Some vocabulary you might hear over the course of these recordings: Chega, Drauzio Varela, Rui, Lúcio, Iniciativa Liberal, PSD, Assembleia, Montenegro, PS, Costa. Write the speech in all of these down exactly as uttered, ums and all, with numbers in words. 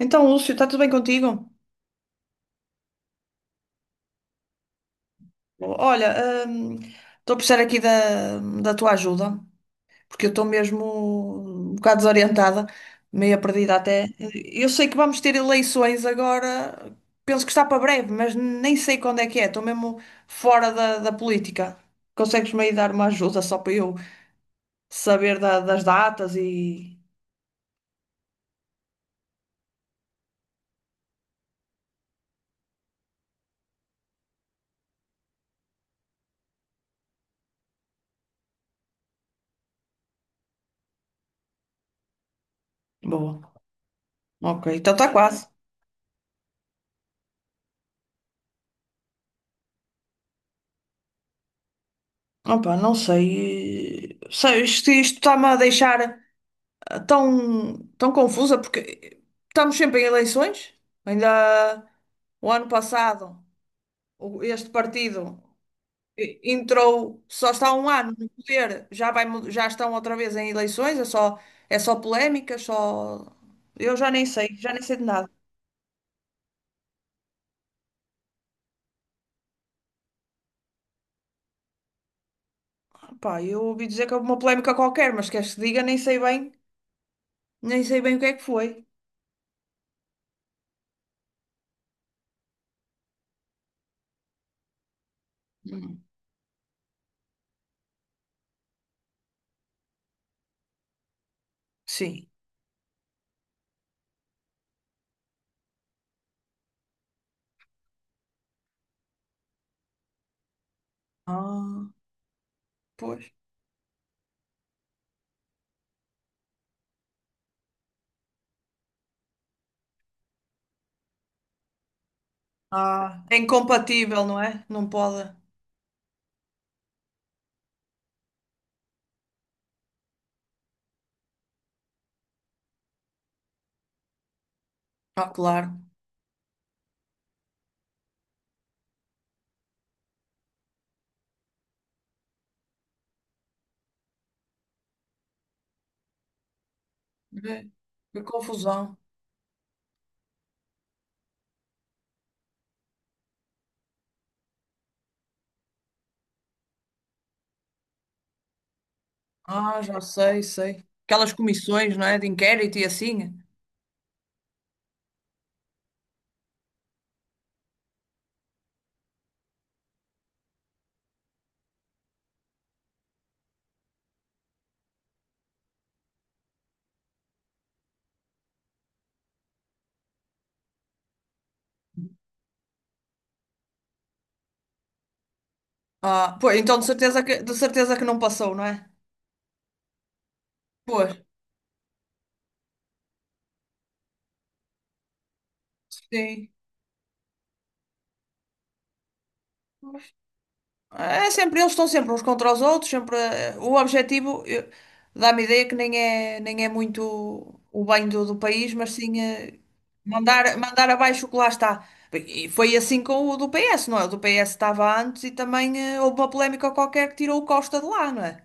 Então, Lúcio, está tudo bem contigo? Olha, hum, estou a precisar aqui da, da tua ajuda, porque eu estou mesmo um bocado desorientada, meio perdida até. Eu sei que vamos ter eleições agora, penso que está para breve, mas nem sei quando é que é, estou mesmo fora da, da política. Consegues-me aí dar uma ajuda só para eu saber da- das datas e. Boa, ok, então está quase. Opa, não sei. Sei, isto isto está-me a deixar tão, tão confusa porque estamos sempre em eleições. Ainda há- o ano passado, o- este partido e- entrou, só está um ano no poder, já vai, mu- já estão outra vez em eleições, é só, é só polémicas, só. Eu já nem sei, já nem sei de nada. Pá, eu ouvi dizer que houve uma polémica qualquer, mas queres que diga, nem sei bem, nem sei bem o que é que foi. Hum. Sim. Ah, pois. Ah, é incompatível, não é? Não pode. Ah, claro. É, que confusão. Ah, já sei, sei. Aquelas comissões, não é? De inquérito e assim. Ah, pois, então de certeza que, de certeza que não passou, não é? Pois, sim. Pois. É sempre, eles estão sempre uns contra os outros, sempre. eh, O objetivo, eu- dá-me ideia que nem é, nem é muito o bem do, do país, mas sim eh, mandar, mandar abaixo o que lá está. E foi assim com o do P S, não é? O do P S estava antes e também eh, houve uma polémica qualquer que tirou o Costa de lá, não é?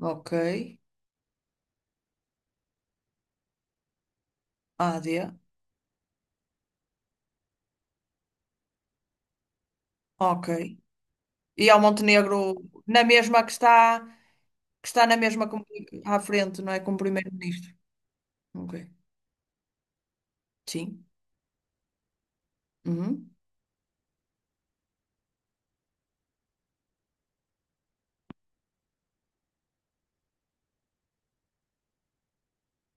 Ok. A D. Ok. E ao Montenegro na mesma que está, que está na mesma como- à frente, não é? Como primeiro-ministro. Ok. Sim. Uhum.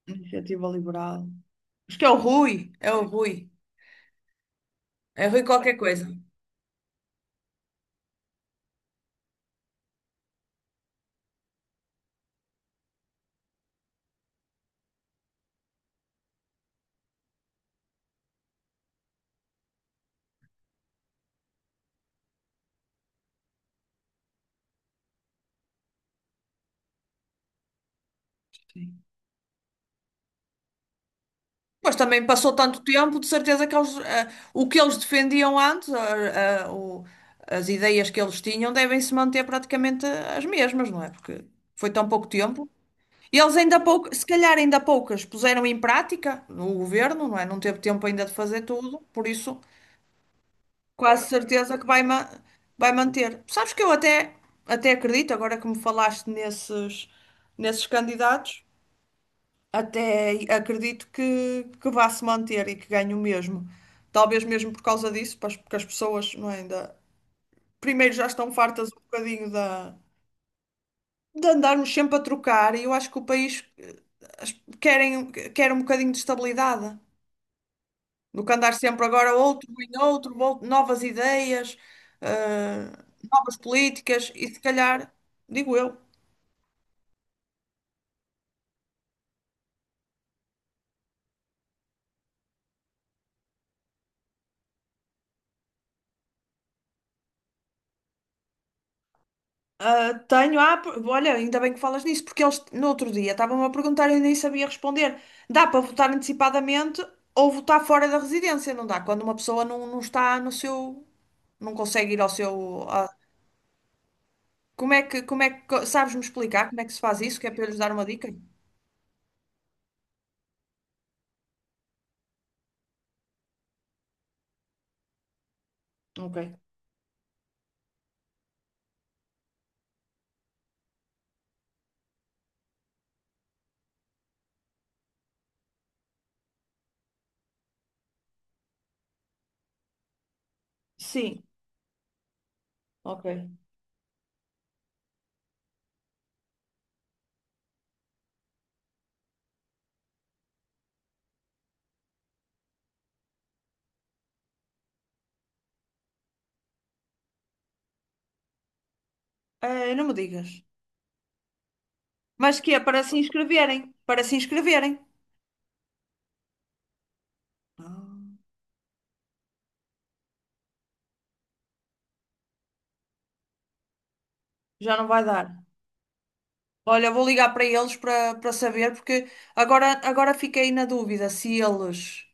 Iniciativa Liberal. Acho que é o Rui. É o Rui. É Rui qualquer coisa. Sim. Mas também passou tanto tempo, de certeza que eles, eh, o que eles defendiam antes, a- a- o- as ideias que eles tinham, devem se manter praticamente as mesmas, não é? Porque foi tão pouco tempo. E eles ainda pouco, se calhar ainda poucas puseram em prática no governo, não é? Não teve tempo ainda de fazer tudo, por isso quase certeza que vai, ma- vai manter. Sabes que eu até, até acredito, agora que me falaste nesses, nesses candidatos, até acredito que, que vá se manter e que ganhe o mesmo. Talvez mesmo por causa disso, pois, porque as pessoas, não é, ainda, primeiro já estão fartas um bocadinho da, de andarmos sempre a trocar, e eu acho que o país eh, as- querem, quer um bocadinho de estabilidade, do que andar sempre agora outro, vem outro, vol- novas ideias, eh, novas políticas, e se calhar, digo eu, ah, tenho, ah, por- olha, ainda bem que falas nisso, porque eles no outro dia estavam-me a perguntar e eu nem sabia responder. Dá para votar antecipadamente ou votar fora da residência, não dá? Quando uma pessoa não, não está no seu, não consegue ir ao seu, como é que, como é que, sabes-me explicar como é que se faz isso? Que é para eu lhes dar uma dica? Ok. Sim, ok. Ah, não me digas. Mas que é para se inscreverem, para se inscreverem. Ah, já não vai dar. Olha, vou ligar para eles para, para saber, porque agora, agora fiquei na dúvida se eles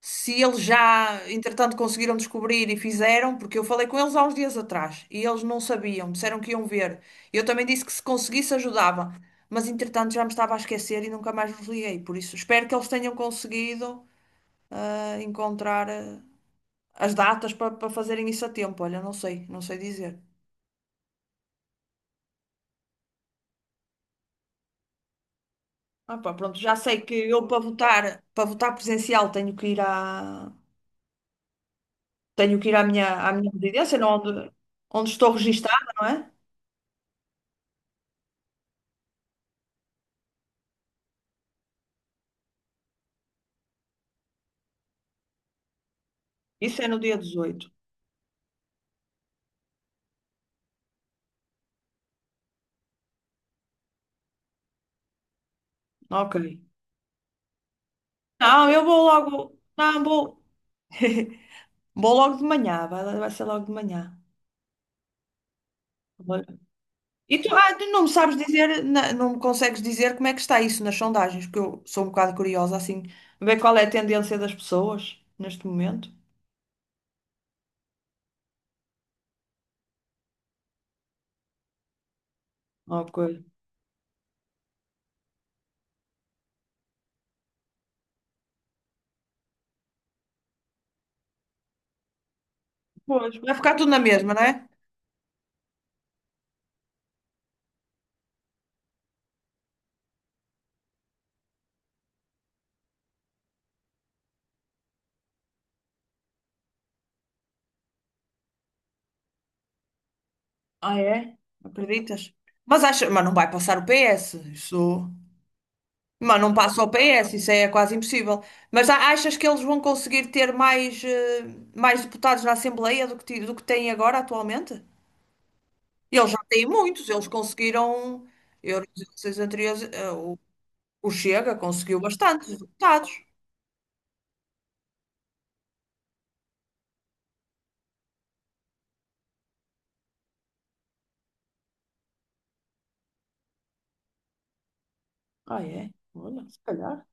se eles já, entretanto, conseguiram descobrir e fizeram, porque eu falei com eles há uns dias atrás e eles não sabiam, disseram que iam ver. Eu também disse que se conseguisse ajudava, mas entretanto já me estava a esquecer e nunca mais vos liguei. Por isso, espero que eles tenham conseguido eh, encontrar eh, as datas para para fazerem isso a tempo. Olha, não sei, não sei dizer. Ah, pá, pronto, já sei que eu para votar, para votar presencial tenho que ir à, tenho que ir à minha, à minha residência, não, onde, onde estou registada, não é? Isso é no dia dezoito. Ok. Não, eu vou logo. Não, vou. Vou logo de manhã, vai, vai ser logo de manhã. E tu, ah, tu não me sabes dizer, na- não me consegues dizer como é que está isso nas sondagens, porque eu sou um bocado curiosa, assim, ver qual é a tendência das pessoas neste momento. Ok. Pois, vai ficar tudo na mesma, não é? Ah, é? Acreditas? Mas acha, mas não vai passar o P S. Isso. Mas não passa ao P S, isso é quase impossível. Mas a- achas que eles vão conseguir ter mais, eh, mais deputados na Assembleia do que, ti- do que têm agora atualmente? Eles já têm muitos, eles conseguiram, eu, nas eleições anteriores, eh, o, o Chega conseguiu bastantes deputados. Ah, é? Olha, se calhar.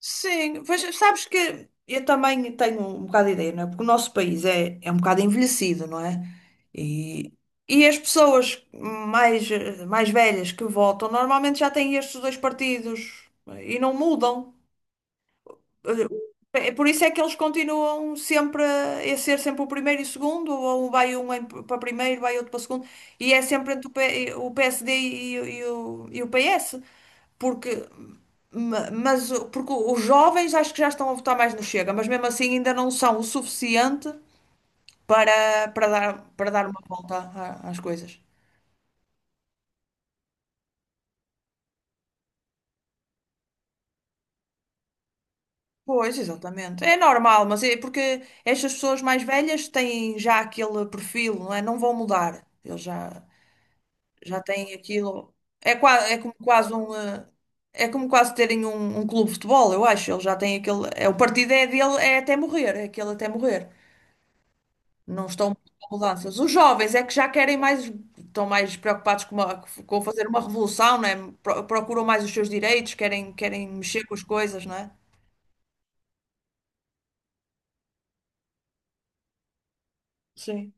Sim, pois sabes que eu também tenho um bocado de ideia, não é? Porque o nosso país é, é um bocado envelhecido, não é? E, e as pessoas mais, eh, mais velhas que votam normalmente já têm estes dois partidos eh, e não mudam. Eh, é por isso é que eles continuam sempre a a ser sempre o primeiro e o segundo, ou vai um em- para primeiro, vai outro para segundo, e é sempre entre o P- o P S D e, o, e o e o P S, porque. Ma- Mas, o- porque os jovens acho que já estão a votar mais no Chega, mas mesmo assim ainda não são o suficiente para, para dar, para dar uma volta a- às coisas. Pois, exatamente. É normal, mas é porque estas pessoas mais velhas têm já aquele perfil, não é? Não vão mudar. Eles já, já têm aquilo. É, qua- é como quase um. eh, É como quase terem um, um clube de futebol, eu acho. Eles já têm aquele. É, o partido é dele, é até morrer, é aquele até morrer. Não estão muito com mudanças. Os jovens é que já querem mais, estão mais preocupados com, uma- com fazer uma revolução, não é? Pro- Procuram mais os seus direitos, querem, querem mexer com as coisas, não é? Sim.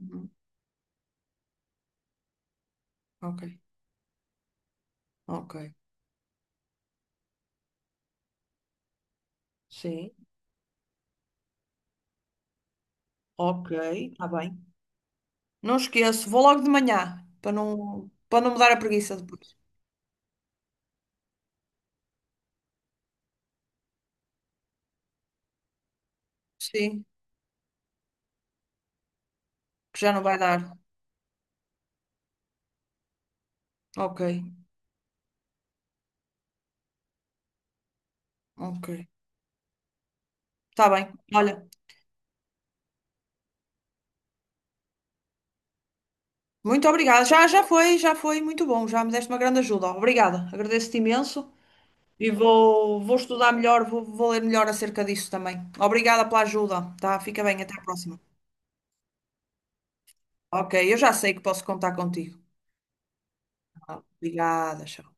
Uhum. Ok. Ok. Sim. Ok. Está bem. Não esqueço, vou logo de manhã, para não, para não me dar a preguiça depois. Sim, que já não vai dar. Ok, ok. Está bem. Olha, muito obrigada. Já, já foi, já foi muito bom. Já me deste uma grande ajuda. Obrigada. Agradeço-te imenso. E vou, vou estudar melhor, vou, vou ler melhor acerca disso também. Obrigada pela ajuda, tá? Fica bem, até a próxima. Ok, eu já sei que posso contar contigo. Obrigada, tchau.